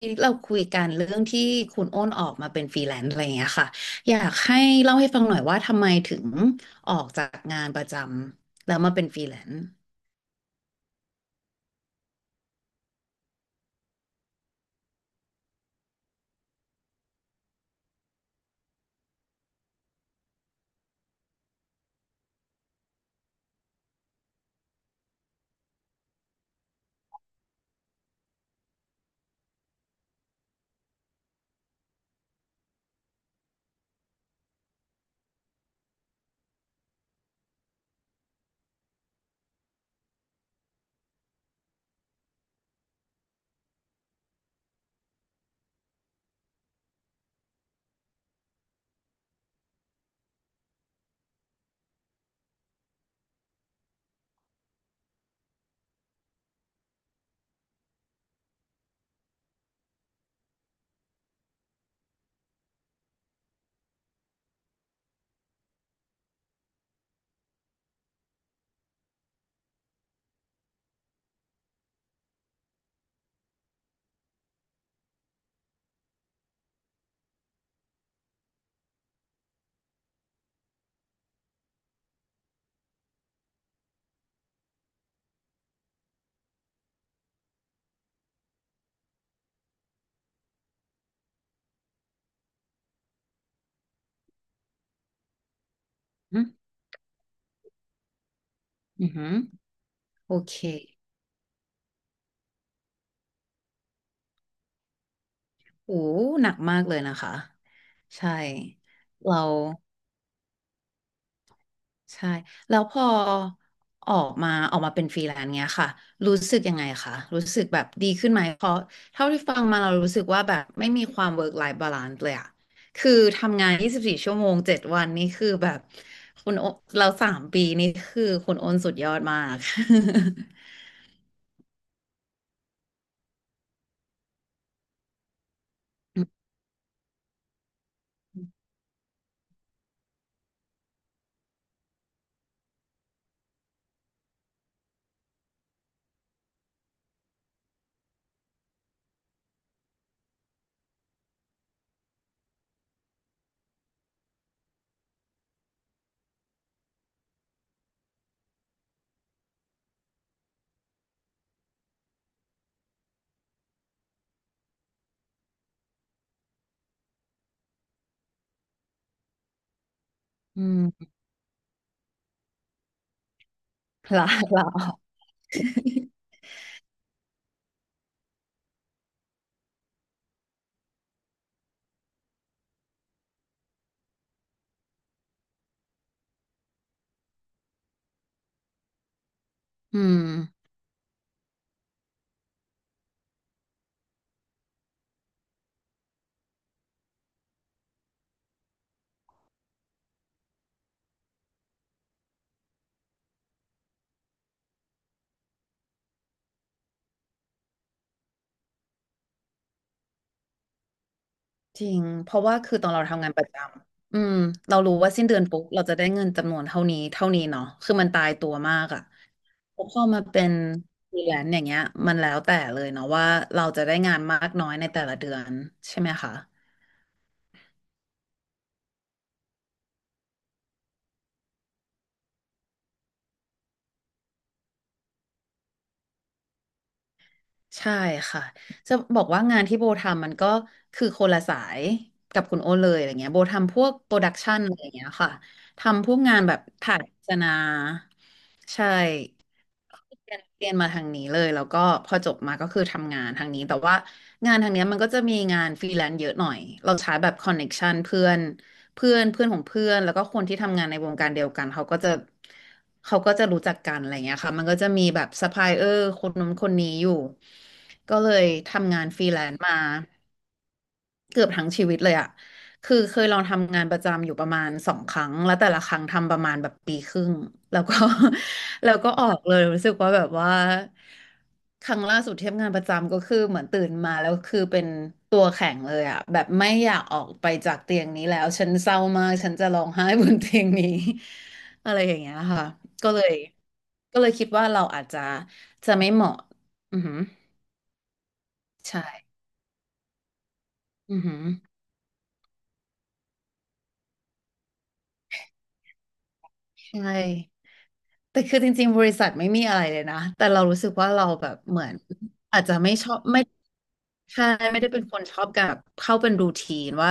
ที่เราคุยกันเรื่องที่คุณโอ้นออกมาเป็นฟรีแลนซ์อะไรอย่างเงี้ยค่ะอยากให้เล่าให้ฟังหน่อยว่าทำไมถึงออกจากงานประจำแล้วมาเป็นฟรีแลนซ์อืมอือหือโอเคโอ้หนักมากเลยนะคะใช่เรา ใช่แล้วพอออกมาออกมาเป็นฟรีแลนซ์เงี้ยค่ะรู้สึกยังไงคะรู้สึกแบบดีขึ้นไหมเพราะเท่าที่ฟังมาเรารู้สึกว่าแบบไม่มีความ work life balance เลยอะคือทำงาน 24 ชั่วโมง7วันนี่คือแบบคุณโอเราสามปีนี่คือคุณโอนสุดยอดมาก อืมหรอหรออืม จริง เพราะว่าคือตอนเราทำงานประจำอืมเรารู้ว่าสิ้นเดือนปุ๊บเราจะได้เงินจำนวนเท่านี้เท่านี้เนาะคือมันตายตัวมากอ่ะพอมาเป็นฟรีแลนซ์อย่างเงี้ยมันแล้วแต่เลยเนาะว่าเราจะได้งานมากน้อยในแต่ละเดือนใช่ไหมคะใช่ค่ะ จะบอกว่างานที่โบทำมันก็คือคนละสายกับคุณโอตเลยอะไรเงี้ยโบทำพวกโปรดักชันอะไรเงี้ยค่ะทำพวกงานแบบถ่ายโฆษณาใช่ เรียนมาทางนี้เลยแล้วก็พอจบมาก็คือทำงานทางนี้แต่ว่างานทางเนี้ยมันก็จะมีงานฟรีแลนซ์เยอะหน่อยเราใช้แบบคอนเน็กชันเพื่อนเพื่อนเพื่อนของเพื่อนแล้วก็คนที่ทำงานในวงการเดียวกันเขาก็จะรู้จักกันอะไรเงี้ยค่ะมันก็จะมีแบบซัพพลายเออร์คนนู้นคนนี้อยู่ก็เลยทำงานฟรีแลนซ์มา เกือบทั้งชีวิตเลยอะคือเคยลองทำงานประจำอยู่ประมาณสองครั้ง แล้วแต่ละครั้งทำประมาณแบบปีครึ่ง แล้วก็ แล้วก็ออกเลยรู้สึกว่าแบบว่าครั้งล่าสุดที่ทำงานประจำก็คือเหมือนตื่นมาแล้วคือเป็นตัวแข็งเลยอะแบบไม่อยากออกไปจากเตียงนี้แล้วฉันเศร้ามากฉันจะร้องไห้บนเตียงนี้ อะไรอย่างเงี้ยค่ะก็เลยคิดว่าเราอาจจะไม่เหมาะอือหือใช่อือหือใช่ แต่คือจริงๆบริษัทไม่มีอะไรเลยนะแต่เรารู้สึกว่าเราแบบเหมือนอาจจะไม่ชอบไม่ใช่ไม่ได้เป็นคนชอบกับเข้าเป็นรูทีนว่า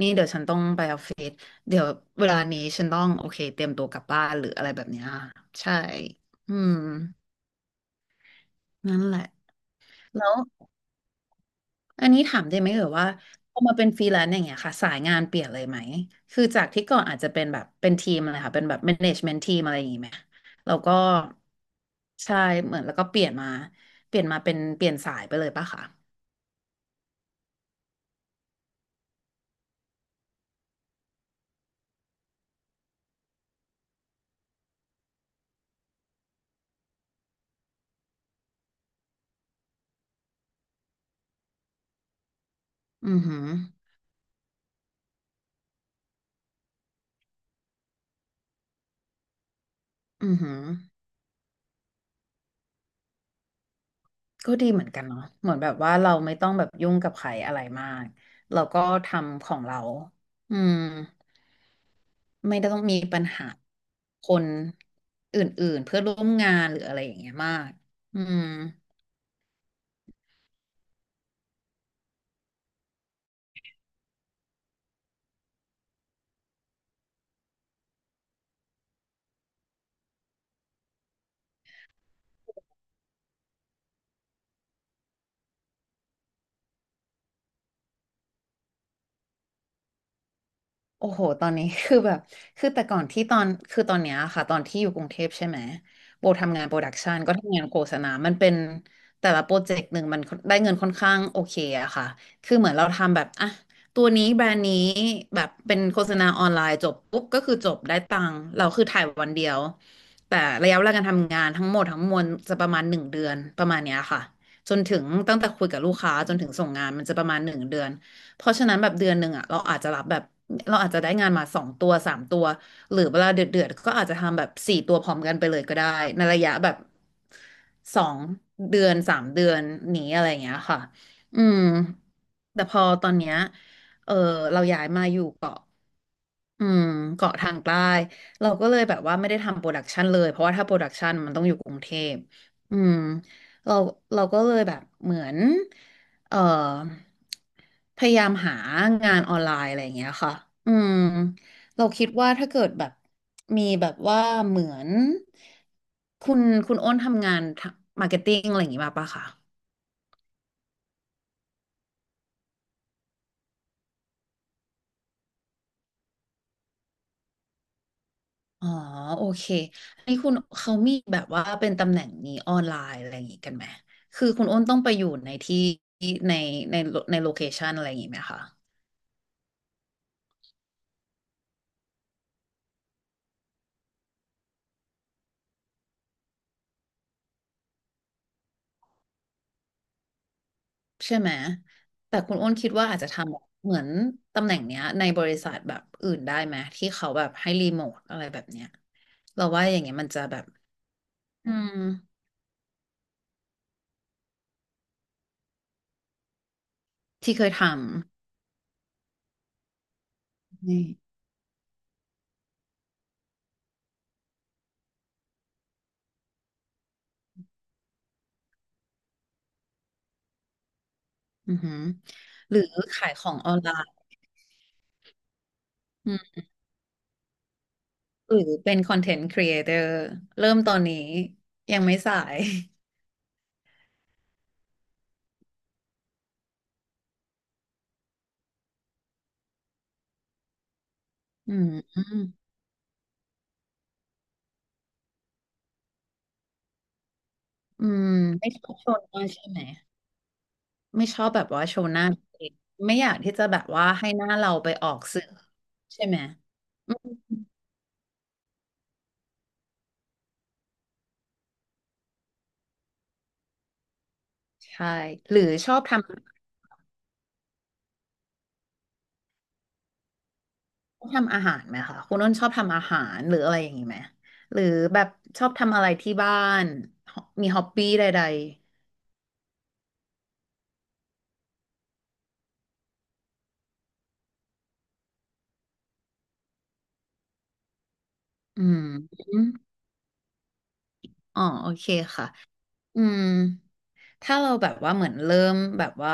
นี่เดี๋ยวฉันต้องไปออฟฟิศเดี๋ยวเวลานี้ฉันต้องโอเคเตรียมตัวกลับบ้านหรืออะไรแบบเนี้ยใช่อืมนั่นแหละแล้ว อันนี้ถามได้ไหมเอ่ยว่าพอมาเป็นฟรีแลนซ์อย่างเงี้ยค่ะสายงานเปลี่ยนเลยไหมคือจากที่ก่อนอาจจะเป็นแบบเป็นทีมอะไรค่ะเป็นแบบแมเนจเมน t ทีมอะไรอย่างงี้ไหมแล้วก็ใช่เหมือนแล้วก็เปลี่ยนมาเป็นเปลี่ยนสายไปเลยปะคะอือหืออือหือก็ดีเหมือนกันเนาะเหมือนแบบว่าเราไม่ต้องแบบยุ่งกับใครอะไรมากเราก็ทำของเราอืมไม่ได้ต้องมีปัญหาคนอื่นๆเพื่อนร่วมงานหรืออะไรอย่างเงี้ยมากอืม โอ้โห ตอนนี้ คือแบบคือแต่ก่อนที่ตอนคือตอนเนี้ยค่ะตอนที่อยู่กรุงเทพใช่ไหมโบทำงานโปรดักชันก็ทำงานโฆษณามันเป็นแต่ละโปรเจกต์หนึ่งมันได้เงินค่อนข้างโอเคอะค่ะคือเหมือนเราทำแบบอ่ะตัวนี้แบรนด์นี้แบบเป็นโฆษณาออนไลน์จบปุ๊บก็คือจบได้ตังค์เราคือถ่ายวันเดียวแต่ระยะเวลาการทำงานทั้งหมดทั้งมวลจะประมาณหนึ่งเดือนประมาณเนี้ยค่ะ จนถึงตั้งแต่คุยกับลูกค้าจนถึงส่งงานมันจะประมาณหนึ่งเดือน เพราะฉะนั้นแบบเดือนหนึ่งอ่ะเราอาจจะรับแบบเราอาจจะได้งานมาสองตัวสามตัวหรือเวลาเดือดๆก็อาจจะทำแบบสี่ตัวพร้อมกันไปเลยก็ได้ในระยะแบบสองเดือนสามเดือนนี้อะไรอย่างเงี้ยค่ะอืมแต่พอตอนเนี้ยเออเราย้ายมาอยู่เกาะ อืมเกาะทางใต้เราก็เลยแบบว่าไม่ได้ทำโปรดักชันเลยเพราะว่าถ้าโปรดักชันมันต้องอยู่กรุงเทพอืมเราเราก็เลยแบบเหมือนเอ่อพยายามหางานออนไลน์อะไรอย่างเงี้ยค่ะอืมเราคิดว่าถ้าเกิดแบบมีแบบว่าเหมือนคุณคุณโอ้นทำงานมาร์เก็ตติ้งอะไรอย่างงี้มาปะคะ อ๋อโอเคไอ้คุณเขามีแบบว่าเป็นตำแหน่งนี้ออนไลน์อะไรอย่างงี้กันไหมคือคุณอ้นต้องไปอยู่ในที่ในในในโลเคชันอะไรอย่างงี้ไหมคะใช่ไหมแต่คุณอ้นคิดว่าอาจจะทำเหมือนตำแหน่งเนี้ยในบริษัทแบบอื่นได้ไหมที่เขาแบบให้รีโมทอะไรแบบเนี้ยเราว่าอย่างเงี้ยมันจะแบบอืมที่เคยทำนี่อือหือหรือขายของออนไลน์ หรือเป็นคอนเทนต์ครีเอเตอร์เริ่มตอนนี้ยังไม่สาย อืมอืมไม่ชอบโชว์หน้าใช่ไหมไม่ชอบแบบว่าโชว์หน้าตัวเองไม่อยากที่จะแบบว่าให้หน้าเราไปออกสื่อใช่ไหมอืมใช่หรือชอบทำชอบทำอาหารไหมคะคุณน้นชอบทำอาหารหรืออะไรอย่างนี้ไหมหรือแบบชอบทำอะไรที่บ้านมีฮอปปี้ใดๆอืมอ๋อโอเคค่ะอืม ถ้าเราแบบว่าเหมือนเริ่มแบบว่า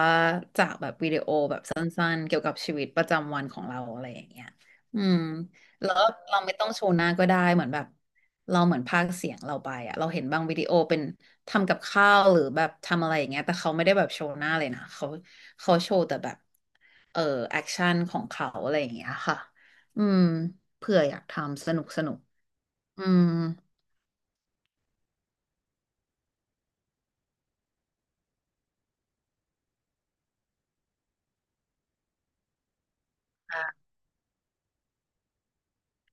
จากแบบวิดีโอแบบสั้นๆเกี่ยวกับชีวิตประจำวันของเราอะไรอย่างเงี้ยอืมแล้วเราไม่ต้องโชว์หน้าก็ได้เหมือนแบบเราเหมือนพากย์เสียงเราไปอะเราเห็นบางวิดีโอเป็นทำกับข้าวหรือแบบทำอะไรอย่างเงี้ยแต่เขาไม่ได้แบบโชว์หน้าเลยนะเขาเขาโชว์แต่แบบเออแอคชั่นของเขาอะไรอย่างเงี้ยค่ะอืมเผื่ออยากทำสนุกสนุกอืม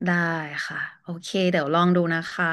ได้ค่ะโอเคเดี๋ยวลองดูนะคะ